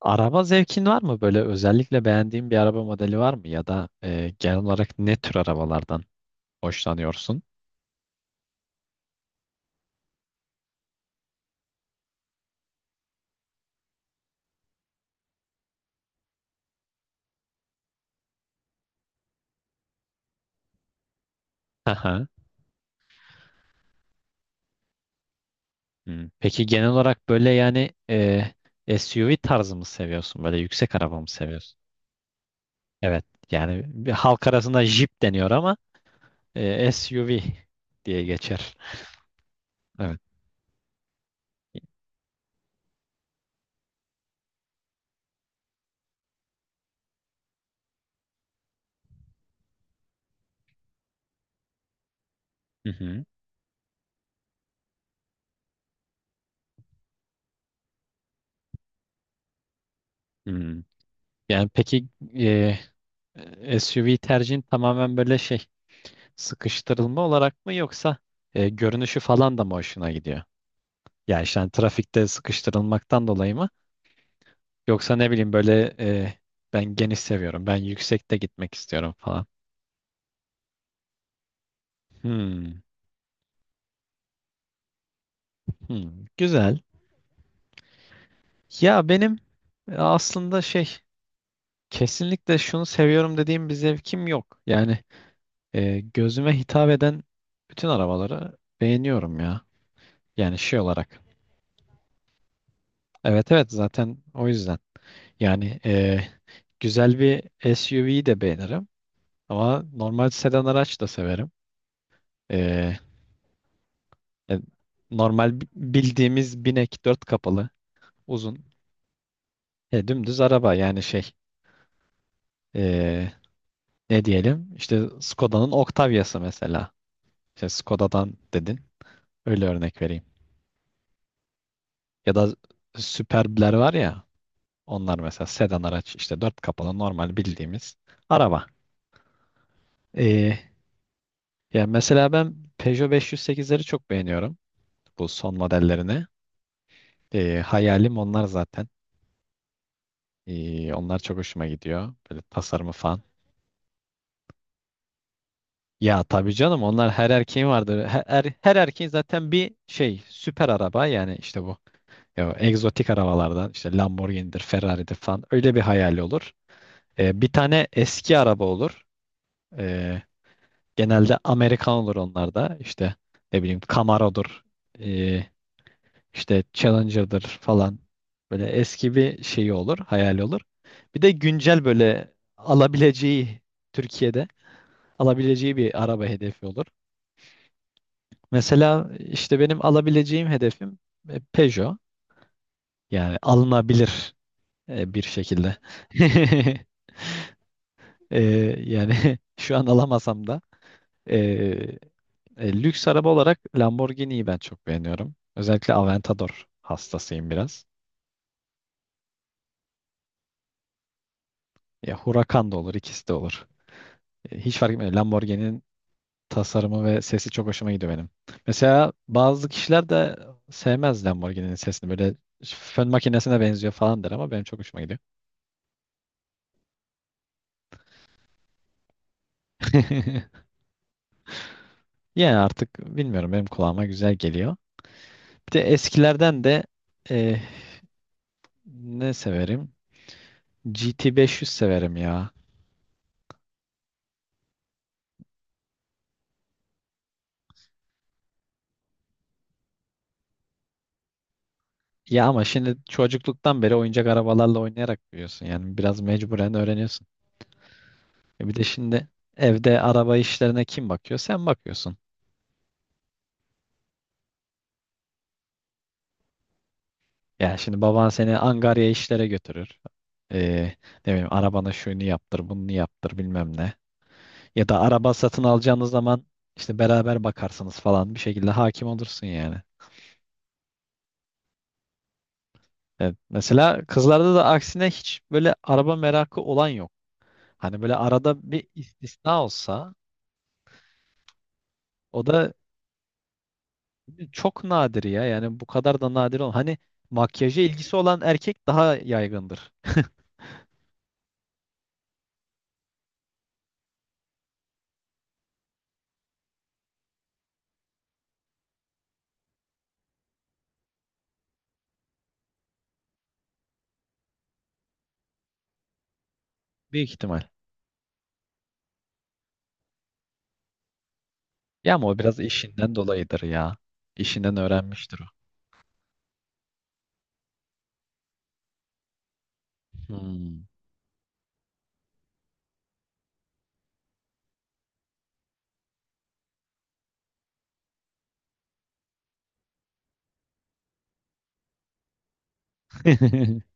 Araba zevkin var mı? Böyle özellikle beğendiğin bir araba modeli var mı? Ya da genel olarak ne tür arabalardan hoşlanıyorsun? Aha. Hmm. Peki genel olarak böyle yani SUV tarzı mı seviyorsun? Böyle yüksek araba mı seviyorsun? Evet. Yani bir halk arasında Jeep deniyor ama SUV diye geçer. Evet. Hı hı. Hmm. Yani peki e, SUV tercihin tamamen böyle şey sıkıştırılma olarak mı yoksa görünüşü falan da mı hoşuna gidiyor? Yani işte hani trafikte sıkıştırılmaktan dolayı mı? Yoksa ne bileyim böyle ben geniş seviyorum. Ben yüksekte gitmek istiyorum falan. Hmm, hmm, güzel. Ya benim aslında şey kesinlikle şunu seviyorum dediğim bir zevkim yok. Yani gözüme hitap eden bütün arabaları beğeniyorum ya. Yani şey olarak. Evet, evet, zaten o yüzden. Yani güzel bir SUV'yi de beğenirim. Ama normal sedan araç da severim. E, e, normal bildiğimiz binek dört kapalı uzun dümdüz araba yani şey e, ne diyelim işte Skoda'nın Octavia'sı mesela. İşte Skoda'dan dedin öyle örnek vereyim. Ya da Superb'ler var ya onlar mesela sedan araç işte dört kapalı normal bildiğimiz araba. Ya mesela ben Peugeot 508'leri çok beğeniyorum. Bu son modellerini. Hayalim onlar zaten. Onlar çok hoşuma gidiyor. Böyle tasarımı falan. Ya tabii canım onlar her erkeğin vardır. Her erkeğin zaten bir şey süper araba yani işte bu. Ya, egzotik arabalardan işte Lamborghini'dir, Ferrari'dir falan öyle bir hayali olur. Bir tane eski araba olur. Ee, genelde Amerikan olur onlar da. İşte ne bileyim Camaro'dur. İşte Challenger'dır falan. Böyle eski bir şeyi olur, hayali olur. Bir de güncel böyle alabileceği Türkiye'de alabileceği bir araba hedefi olur. Mesela işte benim alabileceğim hedefim Peugeot. Yani alınabilir bir şekilde. E, yani şu an alamasam da e, lüks araba olarak Lamborghini'yi ben çok beğeniyorum. Özellikle Aventador hastasıyım biraz. Ya Huracan da olur, ikisi de olur. Hiç fark etmiyor. Lamborghini'nin tasarımı ve sesi çok hoşuma gidiyor benim. Mesela bazı kişiler de sevmez Lamborghini'nin sesini. Böyle fön makinesine benziyor falan der ama benim çok hoşuma gidiyor. Yani artık bilmiyorum benim kulağıma güzel geliyor. Bir de eskilerden de e, ne severim? GT500 severim ya. Ya ama şimdi çocukluktan beri oyuncak arabalarla oynayarak büyüyorsun. Yani biraz mecburen öğreniyorsun. Bir de şimdi evde araba işlerine kim bakıyor? Sen bakıyorsun. Yani şimdi baban seni angarya işlere götürür. Ee, ne bileyim arabana şunu yaptır, bunu yaptır bilmem ne. Ya da araba satın alacağınız zaman işte beraber bakarsınız falan bir şekilde hakim olursun yani. Evet, mesela kızlarda da aksine hiç böyle araba merakı olan yok. Hani böyle arada bir istisna olsa o da çok nadir ya. Yani bu kadar da nadir olan. Hani makyaja ilgisi olan erkek daha yaygındır. Büyük ihtimal. Ya ama o biraz işinden dolayıdır ya. İşinden öğrenmiştir o. Hmm.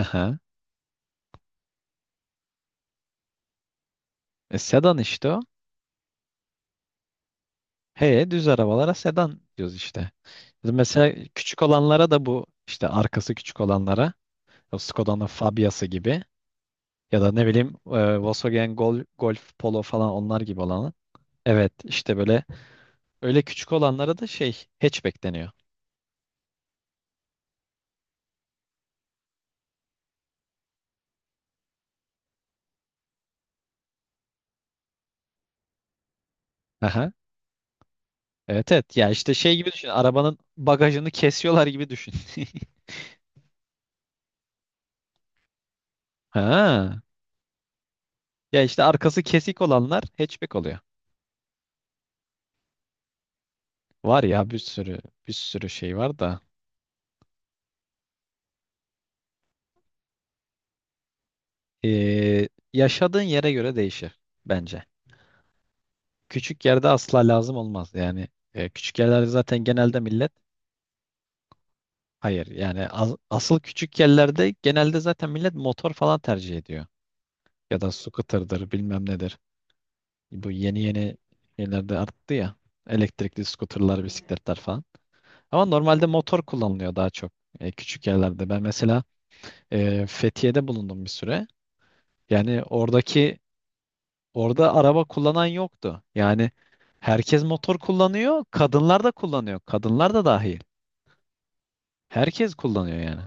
Aha. Sedan işte o. He, düz arabalara sedan diyoruz işte. Mesela küçük olanlara da bu işte arkası küçük olanlara o Skoda'nın Fabia'sı gibi ya da ne bileyim Volkswagen Golf Polo falan onlar gibi olanı. Evet işte böyle öyle küçük olanlara da şey hatchback deniyor. Aha. Evet, evet, ya işte şey gibi düşün arabanın bagajını kesiyorlar gibi düşün. Ha. Ya işte arkası kesik olanlar hatchback oluyor. Var ya bir sürü şey var da. Yaşadığın yere göre değişir bence. Küçük yerde asla lazım olmaz yani küçük yerlerde zaten genelde millet hayır yani asıl küçük yerlerde genelde zaten millet motor falan tercih ediyor ya da scooter'dır bilmem nedir. Bu yeni yeni şeylerde arttı ya elektrikli scooter'lar bisikletler falan ama normalde motor kullanılıyor daha çok küçük yerlerde. Ben mesela Fethiye'de bulundum bir süre. Yani Orada araba kullanan yoktu. Yani herkes motor kullanıyor, kadınlar da kullanıyor. Kadınlar da dahil. Herkes kullanıyor yani.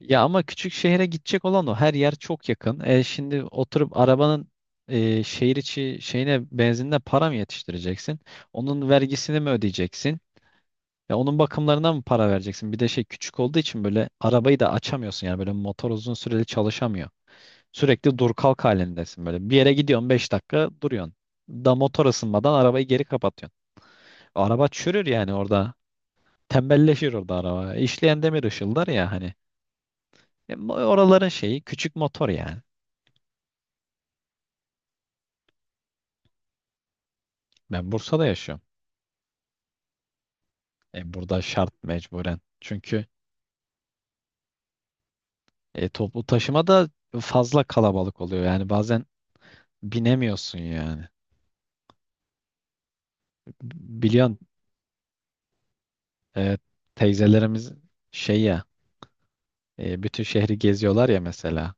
Ya ama küçük şehre gidecek olan o. Her yer çok yakın. Şimdi oturup arabanın şehir içi şeyine benzinine para mı yetiştireceksin? Onun vergisini mi ödeyeceksin? Ya onun bakımlarına mı para vereceksin? Bir de şey küçük olduğu için böyle arabayı da açamıyorsun yani böyle motor uzun süreli çalışamıyor. Sürekli dur kalk halindesin böyle. Bir yere gidiyorsun 5 dakika duruyorsun. Da motor ısınmadan arabayı geri kapatıyorsun. Araba çürür yani orada. Tembelleşir orada araba. İşleyen demir ışıldar ya hani. Oraların şeyi küçük motor yani. Ben Bursa'da yaşıyorum. Burada şart mecburen. Çünkü toplu taşıma da fazla kalabalık oluyor. Yani bazen binemiyorsun yani. Biliyorsun e, teyzelerimiz şey ya bütün şehri geziyorlar ya mesela.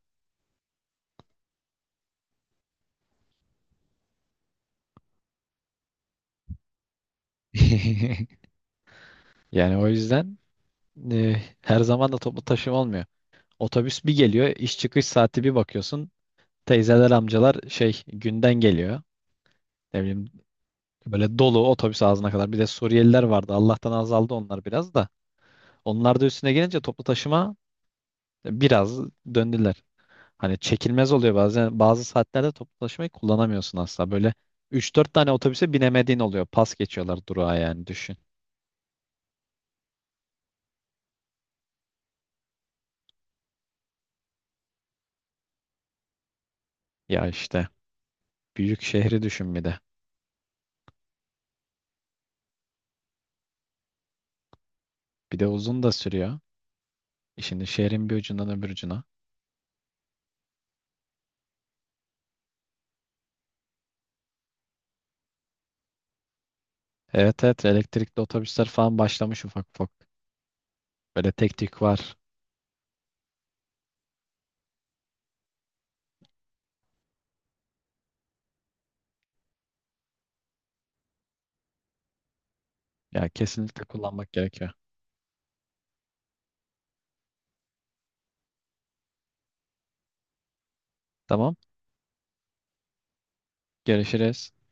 Yani o yüzden her zaman da toplu taşıma olmuyor. Otobüs bir geliyor, iş çıkış saati bir bakıyorsun. Teyzeler, amcalar şey günden geliyor. Ne bileyim böyle dolu otobüs ağzına kadar. Bir de Suriyeliler vardı. Allah'tan azaldı onlar biraz da. Onlar da üstüne gelince toplu taşıma biraz döndüler. Hani çekilmez oluyor bazen. Bazı saatlerde toplu taşımayı kullanamıyorsun asla. Böyle üç dört tane otobüse binemediğin oluyor. Pas geçiyorlar durağa yani düşün. Ya işte büyük şehri düşün bir de. Bir de uzun da sürüyor. Şimdi şehrin bir ucundan öbür ucuna. Evet, evet, elektrikli otobüsler falan başlamış ufak ufak. Böyle tek tek var. Ya kesinlikle kullanmak gerekiyor. Tamam. Görüşürüz.